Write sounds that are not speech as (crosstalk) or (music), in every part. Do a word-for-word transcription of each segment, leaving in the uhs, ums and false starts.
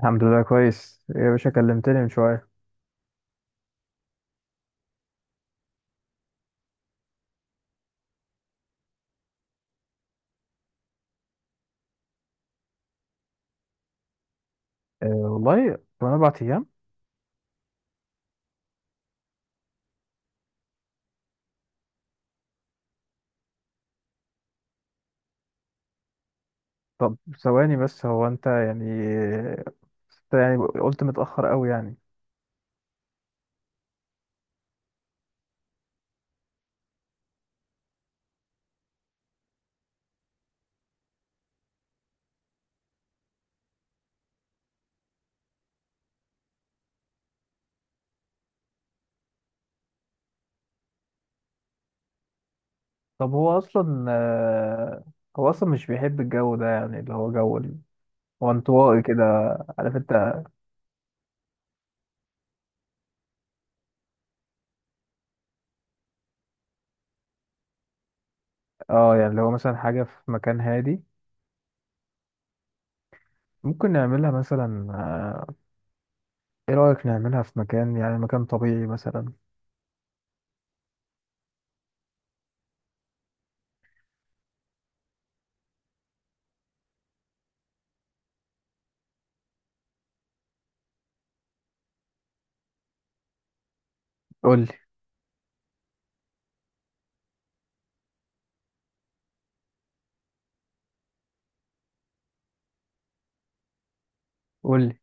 الحمد لله، كويس. إيه يا باشا، كلمتني من شوية؟ أه والله، كمان أربع أيام. طب، ثواني بس. هو أنت يعني أنت يعني قلت متأخر أوي يعني. طب، هو أصلا آه، هو أصلا مش بيحب الجو ده، يعني اللي هو جو ال- هو انطوائي كده، عارف أنت؟ أه، يعني لو مثلا حاجة في مكان هادي، ممكن نعملها مثلا. آه، إيه رأيك نعملها في مكان، يعني مكان طبيعي مثلا؟ قولي. قولي.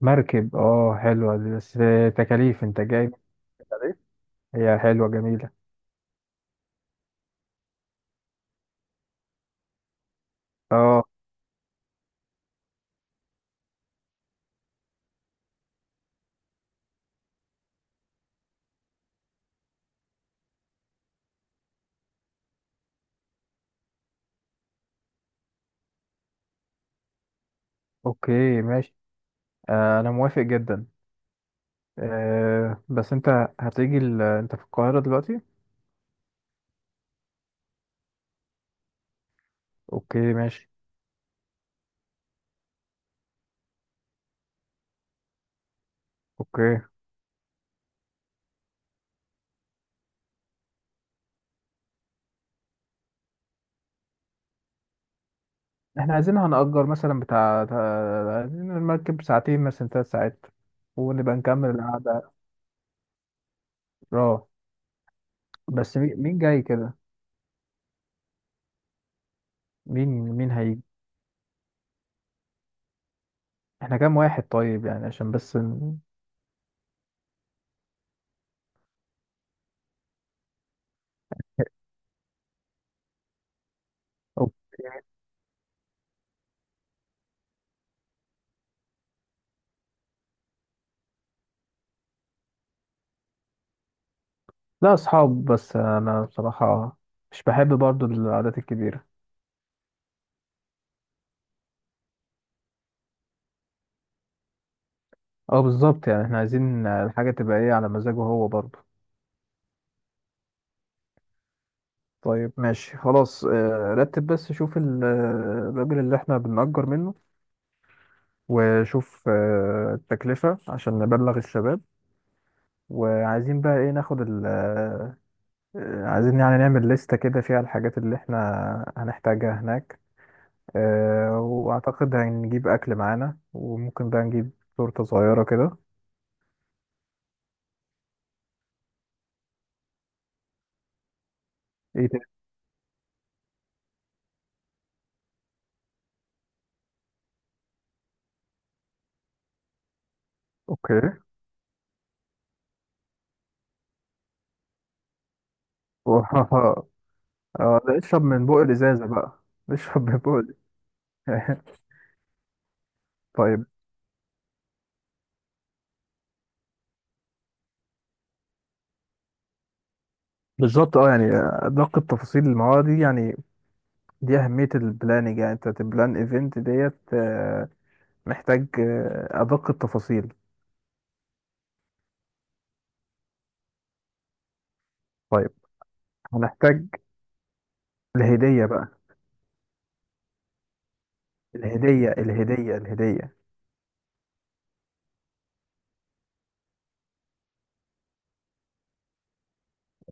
مركب، أه، حلوة دي، بس تكاليف أنت جاي. بالتكاليف؟ هي حلوة، جميلة. اه، اوكي ماشي. آه، انا موافق جدا. آه، بس انت هتيجي ال... انت في القاهرة دلوقتي؟ اوكي، ماشي. اوكي. احنا عايزين، هنأجر مثلا بتاع تا- عايزين المركب ساعتين، مثلا تلات ساعات، ونبقى نكمل القعدة. اه، بس مي- مين جاي كده؟ مين مين هيجي؟ احنا كام واحد؟ طيب، يعني عشان بس ن... أو... لا، اصحاب بس. انا بصراحة مش بحب برضو القعدات الكبيرة. اه، بالظبط. يعني احنا عايزين الحاجة تبقى ايه على مزاجه هو برضو. طيب، ماشي، خلاص. آه، رتب، بس شوف ال- آه، الراجل اللي احنا بنأجر منه. وشوف آه، التكلفة، عشان نبلغ الشباب. وعايزين بقى ايه ناخد ال آه، آه، عايزين يعني نعمل لستة كده فيها الحاجات اللي احنا هنحتاجها هناك. آه، واعتقد هنجيب اكل معانا، وممكن بقى نجيب تورتة صغيرة كده. ايه تاني؟ اوكي. (laughs) آه، اشرب من بوق الازازة بقى. اشرب من بوق الإزازة. (laughs) طيب. بالظبط، اه يعني آه، ادق التفاصيل، ما هو دي يعني. دي اهميه البلاننج، يعني انت تبلان ايفنت ديت، آه، محتاج آه، ادق التفاصيل. طيب. هنحتاج الهديه بقى. الهديه. الهديه. الهديه.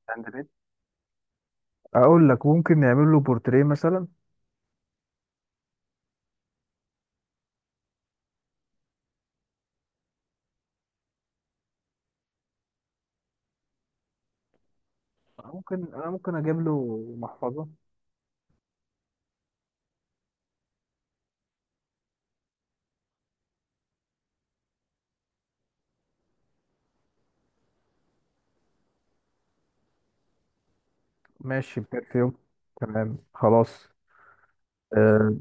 الهاند ميد. اقول لك، ممكن نعمل له بورتريه مثلا. ممكن انا ممكن اجيب له محفظه. ماشي، ببرفيوم. تمام، خلاص. آه،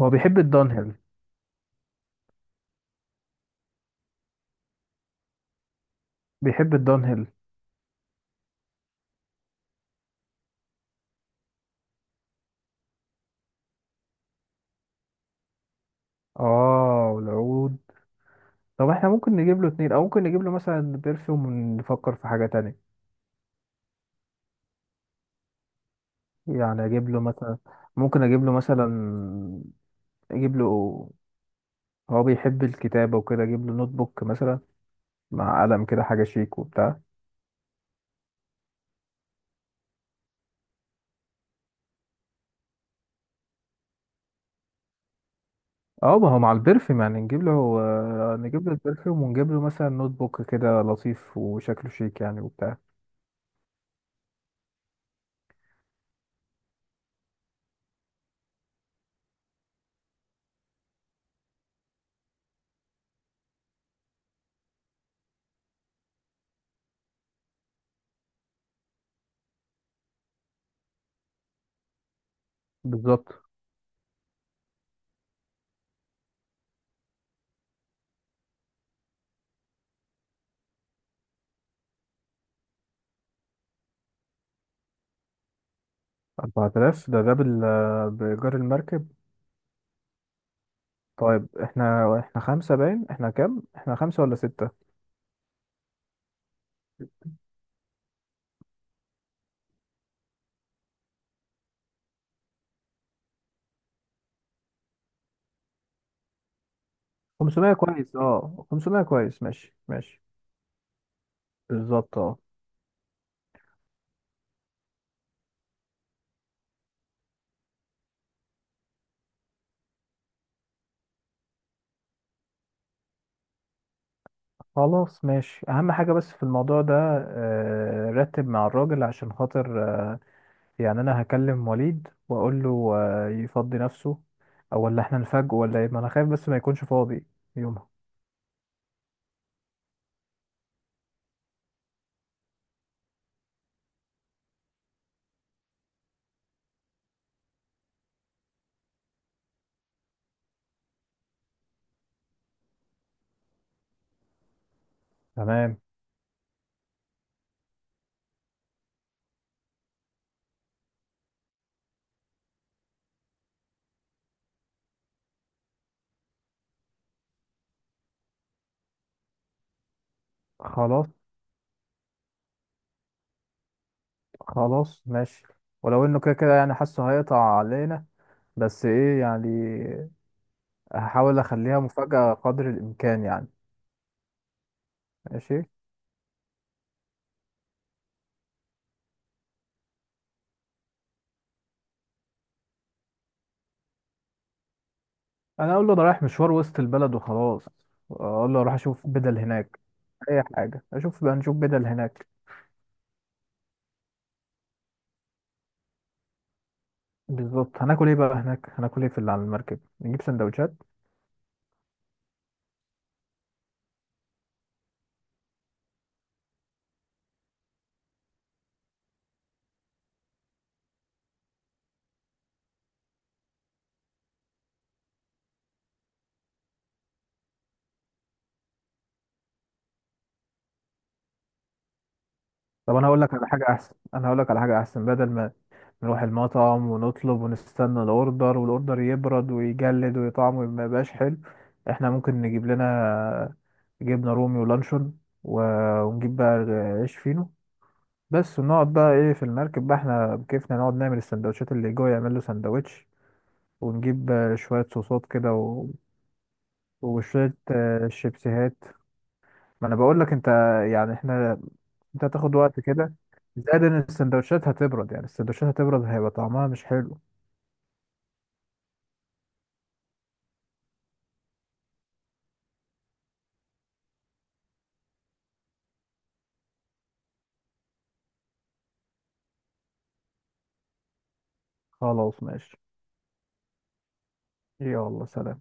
هو بيحب الدانهيل. بيحب الدانهيل. اه، والعود. طب احنا ممكن نجيب له اتنين، او ممكن نجيب له مثلا برفيوم ونفكر في حاجة تانية. يعني اجيب له مثلا. ممكن اجيب له مثلا اجيب له هو بيحب الكتابة وكده. اجيب له نوت بوك مثلا، مع قلم كده، حاجة شيك وبتاع. اه، ما هو مع البرفيوم، يعني نجيب له آه، نجيب له البرفيوم، ونجيب له مثلا نوت بوك كده لطيف، وشكله شيك يعني وبتاع. بالظبط. أربعة آلاف ده ده بال بإيجار المركب؟ طيب، احنا احنا خمسة باين. احنا كام؟ احنا خمسة ولا ستة؟ خمسمية كويس، اه، خمسمية كويس. ماشي، ماشي. بالظبط، اه. خلاص، ماشي. اهم حاجة بس في الموضوع ده، آه، رتب مع الراجل عشان خاطر آه، يعني. انا هكلم وليد واقول له آه، يفضي نفسه. او ولا احنا نفاجئه، ولا ايه، ما انا خايف بس ما يكونش فاضي يومها. تمام، خلاص. خلاص، ماشي. ولو انه كده كده يعني، حاسه هيقطع علينا، بس ايه يعني. هحاول اخليها مفاجأة قدر الامكان يعني. ماشي. انا اقول له ده رايح مشوار وسط البلد وخلاص. اقول له اروح اشوف بدل هناك. اي حاجه، اشوف بقى، نشوف بدل هناك. بالظبط. هناكل ايه بقى هناك؟ هناكل ايه في اللي على المركب؟ نجيب سندوتشات. طب، انا هقول لك على حاجه احسن انا هقول لك على حاجه احسن. بدل ما نروح المطعم ونطلب ونستنى الاوردر، والاوردر يبرد ويجلد ويطعمه ما يبقاش حلو. احنا ممكن نجيب لنا جبنه رومي ولانشون، و- ونجيب بقى عيش فينو. بس ونقعد بقى ايه في المركب بقى، احنا بكيفنا نقعد نعمل السندوتشات اللي جوه يعمل له سندوتش. ونجيب آه، شوية صوصات كده، و... وشوية آه، شيبسيهات. ما انا بقول لك انت، يعني احنا. انت هتاخد وقت كده، زائد ان السندوتشات هتبرد. يعني السندوتشات هتبرد، هيبقى طعمها مش حلو. خلاص، ماشي. يلا، سلام.